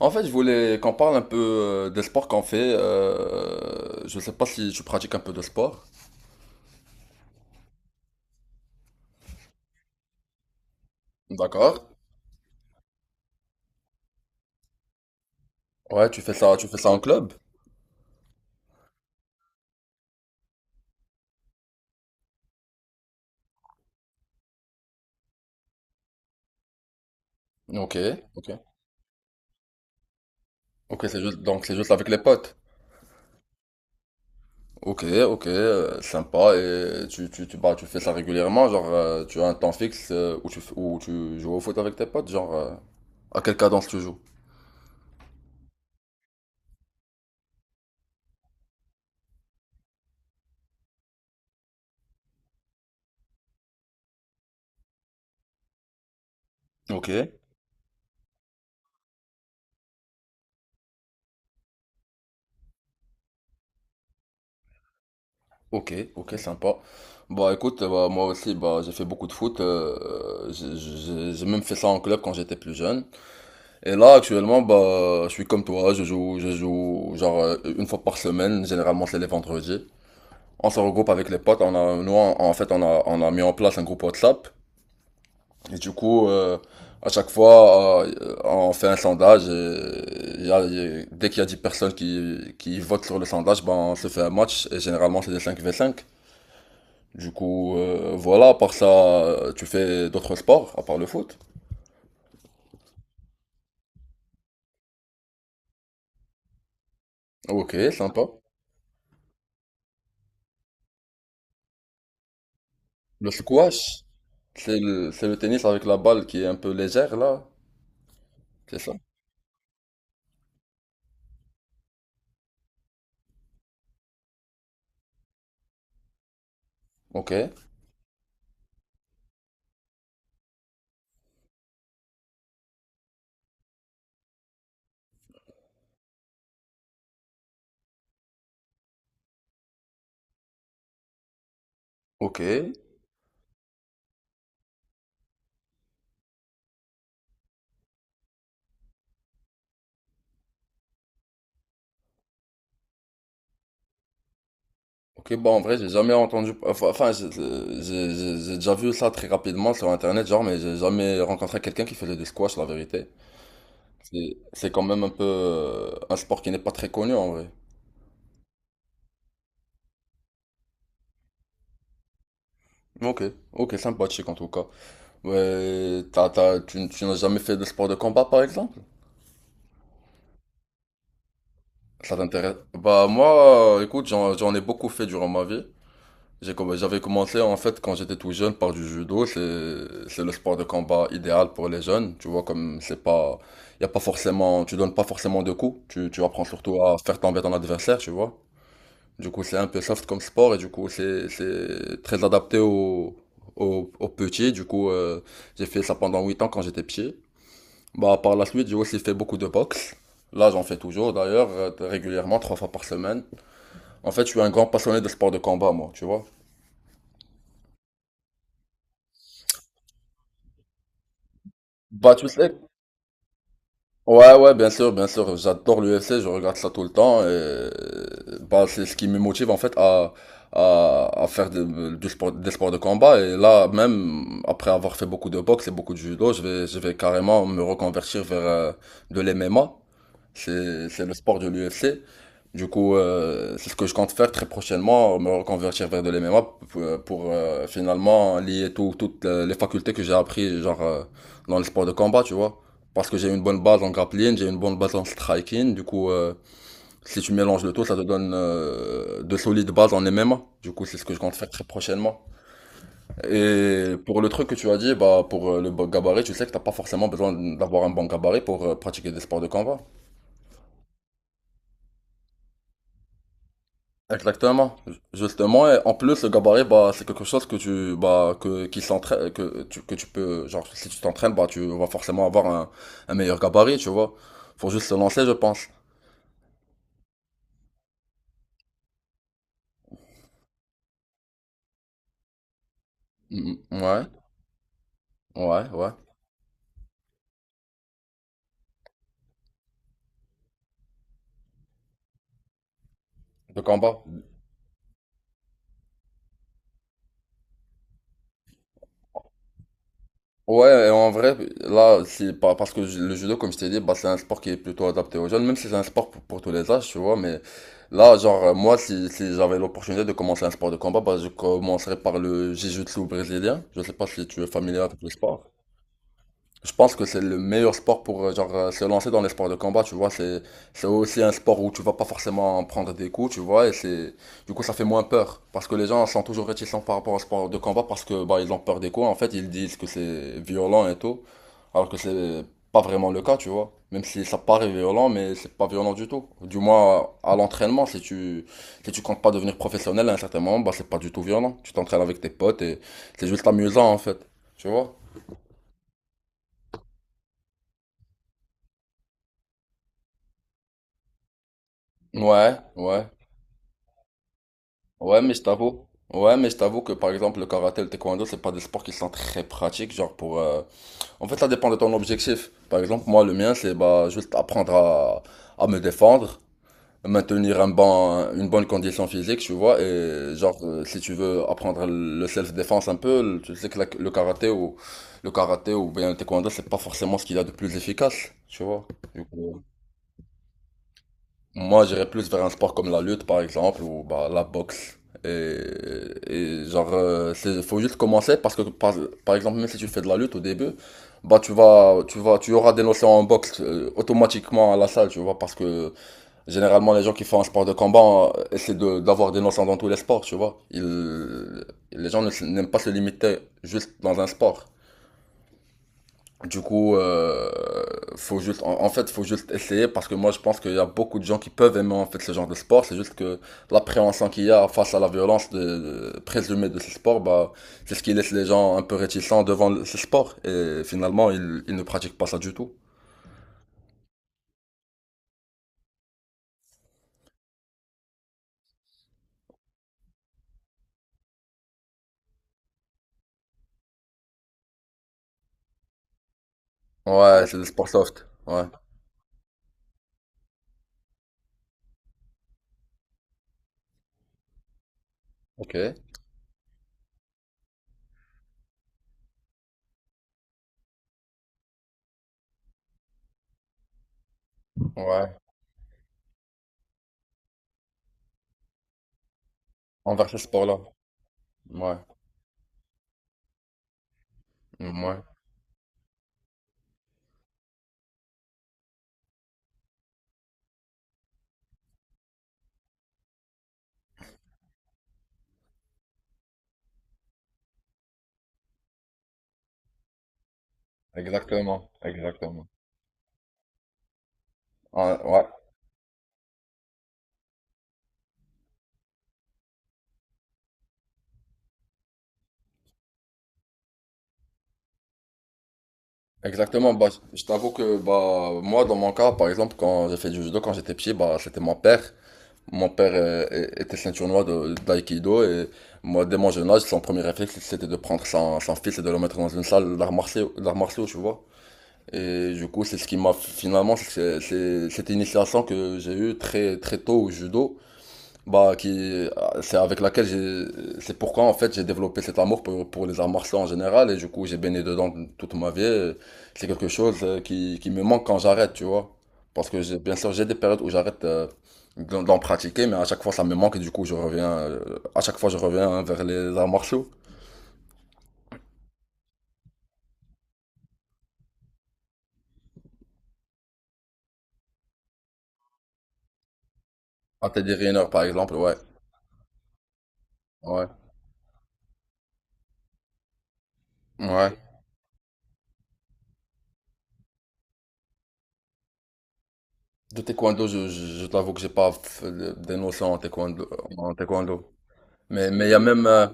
En fait, je voulais qu'on parle un peu des sports qu'on fait. Je sais pas si tu pratiques un peu de sport. D'accord. Ouais, tu fais ça en club? Ok, ok. Ok, c'est juste, donc c'est juste avec les potes. Ok, ok, sympa. Et tu fais ça régulièrement, tu as un temps fixe où tu joues au foot avec tes potes, à quelle cadence tu joues? Ok, ok, ok, sympa. Bah écoute, bah, moi aussi, bah, j'ai fait beaucoup de foot. J'ai même fait ça en club quand j'étais plus jeune. Et là, actuellement, bah, je suis comme toi, je joue une fois par semaine, généralement c'est les vendredis. On se regroupe avec les potes, on a, nous, en en fait, on a mis en place un groupe WhatsApp. Et du coup, à chaque fois, on fait un sondage et dès qu'il y a 10 personnes qui votent sur le sondage, ben, on se fait un match et généralement c'est des cinq v cinq. Du coup, voilà, à part ça, tu fais d'autres sports à part le foot. Ok, sympa. Le squash, c'est c'est le tennis avec la balle qui est un peu légère là, c'est ça? Ok, ok, ok. Bon, en vrai, j'ai jamais entendu. J'ai déjà vu ça très rapidement sur Internet, genre, mais j'ai jamais rencontré quelqu'un qui faisait du squash, la vérité. C'est quand même un peu un sport qui n'est pas très connu en vrai. Ok, ok, sympathique en tout cas. Ouais, tu n'as jamais fait de sport de combat par exemple? Ça t'intéresse? Bah moi, écoute, j'en ai beaucoup fait durant ma vie. J'avais commencé en fait quand j'étais tout jeune par du judo, c'est le sport de combat idéal pour les jeunes, tu vois comme c'est pas, y a pas forcément, tu donnes pas forcément de coups, tu apprends surtout à faire tomber ton adversaire, tu vois. Du coup, c'est un peu soft comme sport et du coup, c'est très adapté aux aux petits. Du coup, j'ai fait ça pendant 8 ans quand j'étais petit. Bah par la suite, j'ai aussi fait beaucoup de boxe. Là, j'en fais toujours d'ailleurs régulièrement 3 fois par semaine. En fait, je suis un grand passionné de sport de combat moi, tu vois. Bah, tu sais, ouais, ouais, bien sûr, bien sûr. J'adore l'UFC, je regarde ça tout le temps. Bah, c'est ce qui me motive en fait à faire du sport, des sports de combat. Et là, même après avoir fait beaucoup de boxe et beaucoup de judo, je vais carrément me reconvertir vers de l'MMA. C'est le sport de l'UFC. Du coup, c'est ce que je compte faire très prochainement, me reconvertir vers de l'MMA pour, finalement lier toutes les facultés que j'ai appris dans le sport de combat, tu vois. Parce que j'ai une bonne base en grappling, j'ai une bonne base en striking. Du coup, si tu mélanges le tout, ça te donne de solides bases en MMA. Du coup, c'est ce que je compte faire très prochainement. Et pour le truc que tu as dit, bah, pour le bon gabarit, tu sais que t'as pas forcément besoin d'avoir un bon gabarit pour pratiquer des sports de combat. Exactement. Justement, et en plus, le gabarit, bah, c'est quelque chose que tu, bah, que, qui s'entraîne, que tu peux, genre, si tu t'entraînes, bah, tu vas forcément avoir un meilleur gabarit, tu vois. Faut juste se lancer, je pense. Mm, mm, ouais, ouais, ouais. De combat. Ouais, et en vrai, là, c'est pas parce que le judo, comme je t'ai dit, bah, c'est un sport qui est plutôt adapté aux jeunes, même si c'est un sport pour tous les âges, tu vois, mais là, moi, si j'avais l'opportunité de commencer un sport de combat, bah, je commencerais par le jiu-jitsu brésilien. Je sais pas si tu es familier avec le sport. Je pense que c'est le meilleur sport pour se lancer dans les sports de combat, tu vois, c'est aussi un sport où tu vas pas forcément prendre des coups, tu vois, et c'est du coup ça fait moins peur parce que les gens sont toujours réticents par rapport au sport de combat parce que bah ils ont peur des coups en fait, ils disent que c'est violent et tout, alors que c'est pas vraiment le cas, tu vois. Même si ça paraît violent, mais c'est pas violent du tout. Du moins à l'entraînement, si tu comptes pas devenir professionnel à un certain moment, bah c'est pas du tout violent. Tu t'entraînes avec tes potes et c'est juste amusant en fait, tu vois. Ouais, ouais. Ouais, mais je t'avoue, ouais, mais je t'avoue que par exemple le karaté, et le taekwondo, c'est pas des sports qui sont très pratiques, genre pour. En fait, ça dépend de ton objectif. Par exemple, moi, le mien, c'est bah juste apprendre à me défendre, maintenir une bonne condition physique, tu vois, et si tu veux apprendre le self-défense un peu, le- tu sais que la- le karaté ou bien le taekwondo, c'est pas forcément ce qu'il y a de plus efficace, tu vois. Du coup, moi, j'irais plus vers un sport comme la lutte, par exemple, ou bah, la boxe. Et, et faut juste commencer parce que, par exemple, même si tu fais de la lutte au début, bah, tu auras des notions en boxe automatiquement à la salle, tu vois, parce que généralement, les gens qui font un sport de combat essaient d'avoir des notions dans tous les sports, tu vois. Ils, les gens ne s- n'aiment pas se limiter juste dans un sport. Du coup, faut juste, en fait, faut juste essayer parce que moi, je pense qu'il y a beaucoup de gens qui peuvent aimer en fait ce genre de sport. C'est juste que l'appréhension qu'il y a face à la violence présumée de ce sport, bah, c'est ce qui laisse les gens un peu réticents devant ce sport. Et finalement, ils ne pratiquent pas ça du tout. Ouais, c'est le sport soft. Ouais. Ok. Ouais. Envers ce sport-là. Ouais. Mm, ouais. Exactement. Exactement. Ouais, ouais. Exactement, bah, je t'avoue que bah, moi, dans mon cas, par exemple, quand j'ai fait du judo, quand j'étais petit, bah, c'était mon père. Mon père était ceinture noire d'aïkido et moi, dès mon jeune âge, son premier réflexe, c'était de prendre son fils et de le mettre dans une salle d'arts martiaux, tu vois. Et du coup, c'est ce qui m'a finalement, cette initiation que j'ai eue très, très tôt au judo. Bah, qui, c'est avec laquelle j'ai, c'est pourquoi en fait j'ai développé cet amour pour les arts martiaux en général et du coup j'ai baigné dedans toute ma vie. C'est quelque chose qui me manque quand j'arrête, tu vois. Parce que j'ai, bien sûr j'ai des périodes où j'arrête d'en pratiquer, mais à chaque fois ça me manque et du coup à chaque fois je reviens hein, vers les arts martiaux. À Teddy Riner par exemple, ouais, ouais, ouais. De taekwondo, je t'avoue que j'ai pas fait des notions en taekwondo, en taekwondo. Mais il y a même,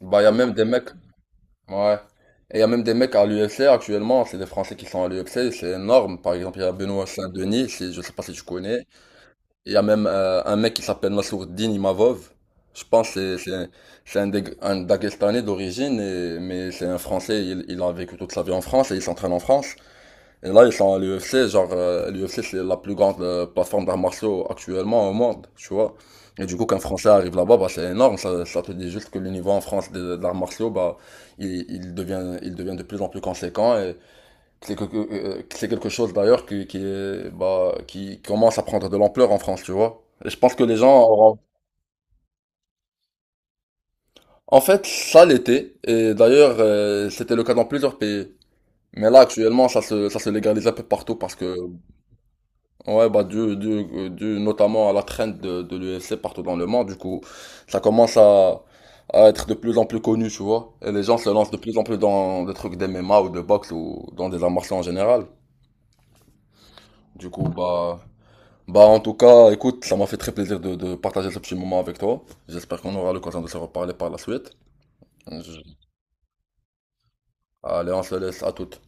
bah, il y a même des mecs. Ouais. Et il y a même des mecs à l'UFC actuellement, c'est des Français qui sont à l'UFC, c'est énorme. Par exemple, il y a Benoît Saint-Denis, si, je sais pas si tu connais. Il y a même un mec qui s'appelle Nassourdine Imavov. Je pense que c'est un, un Daguestanais d'origine, et- mais c'est un Français, il a vécu toute sa vie en France et il s'entraîne en France. Et là, ils sont à l'UFC, genre, l'UFC, c'est la plus grande plateforme d'arts martiaux actuellement au monde, tu vois. Et du coup, qu'un Français arrive là-bas, bah, c'est énorme. Ça te dit juste que le niveau en France des arts martiaux, bah, il devient de plus en plus conséquent. Et c'est quelque chose d'ailleurs est, bah, qui commence à prendre de l'ampleur en France, tu vois. Et je pense que les gens auront... En fait, ça l'était. Et d'ailleurs, c'était le cas dans plusieurs pays. Mais là, actuellement, ça se légalise un peu partout parce que ouais, bah, dû notamment à la traîne de l'UFC partout dans le monde, du coup, ça commence à être de plus en plus connu, tu vois. Et les gens se lancent de plus en plus dans des trucs d'MMA ou de boxe ou dans des arts martiaux en général. Du coup, bah, bah, en tout cas, écoute, ça m'a fait très plaisir de partager ce petit moment avec toi. J'espère qu'on aura l'occasion de se reparler par la suite. Je- allez, on se laisse à toutes.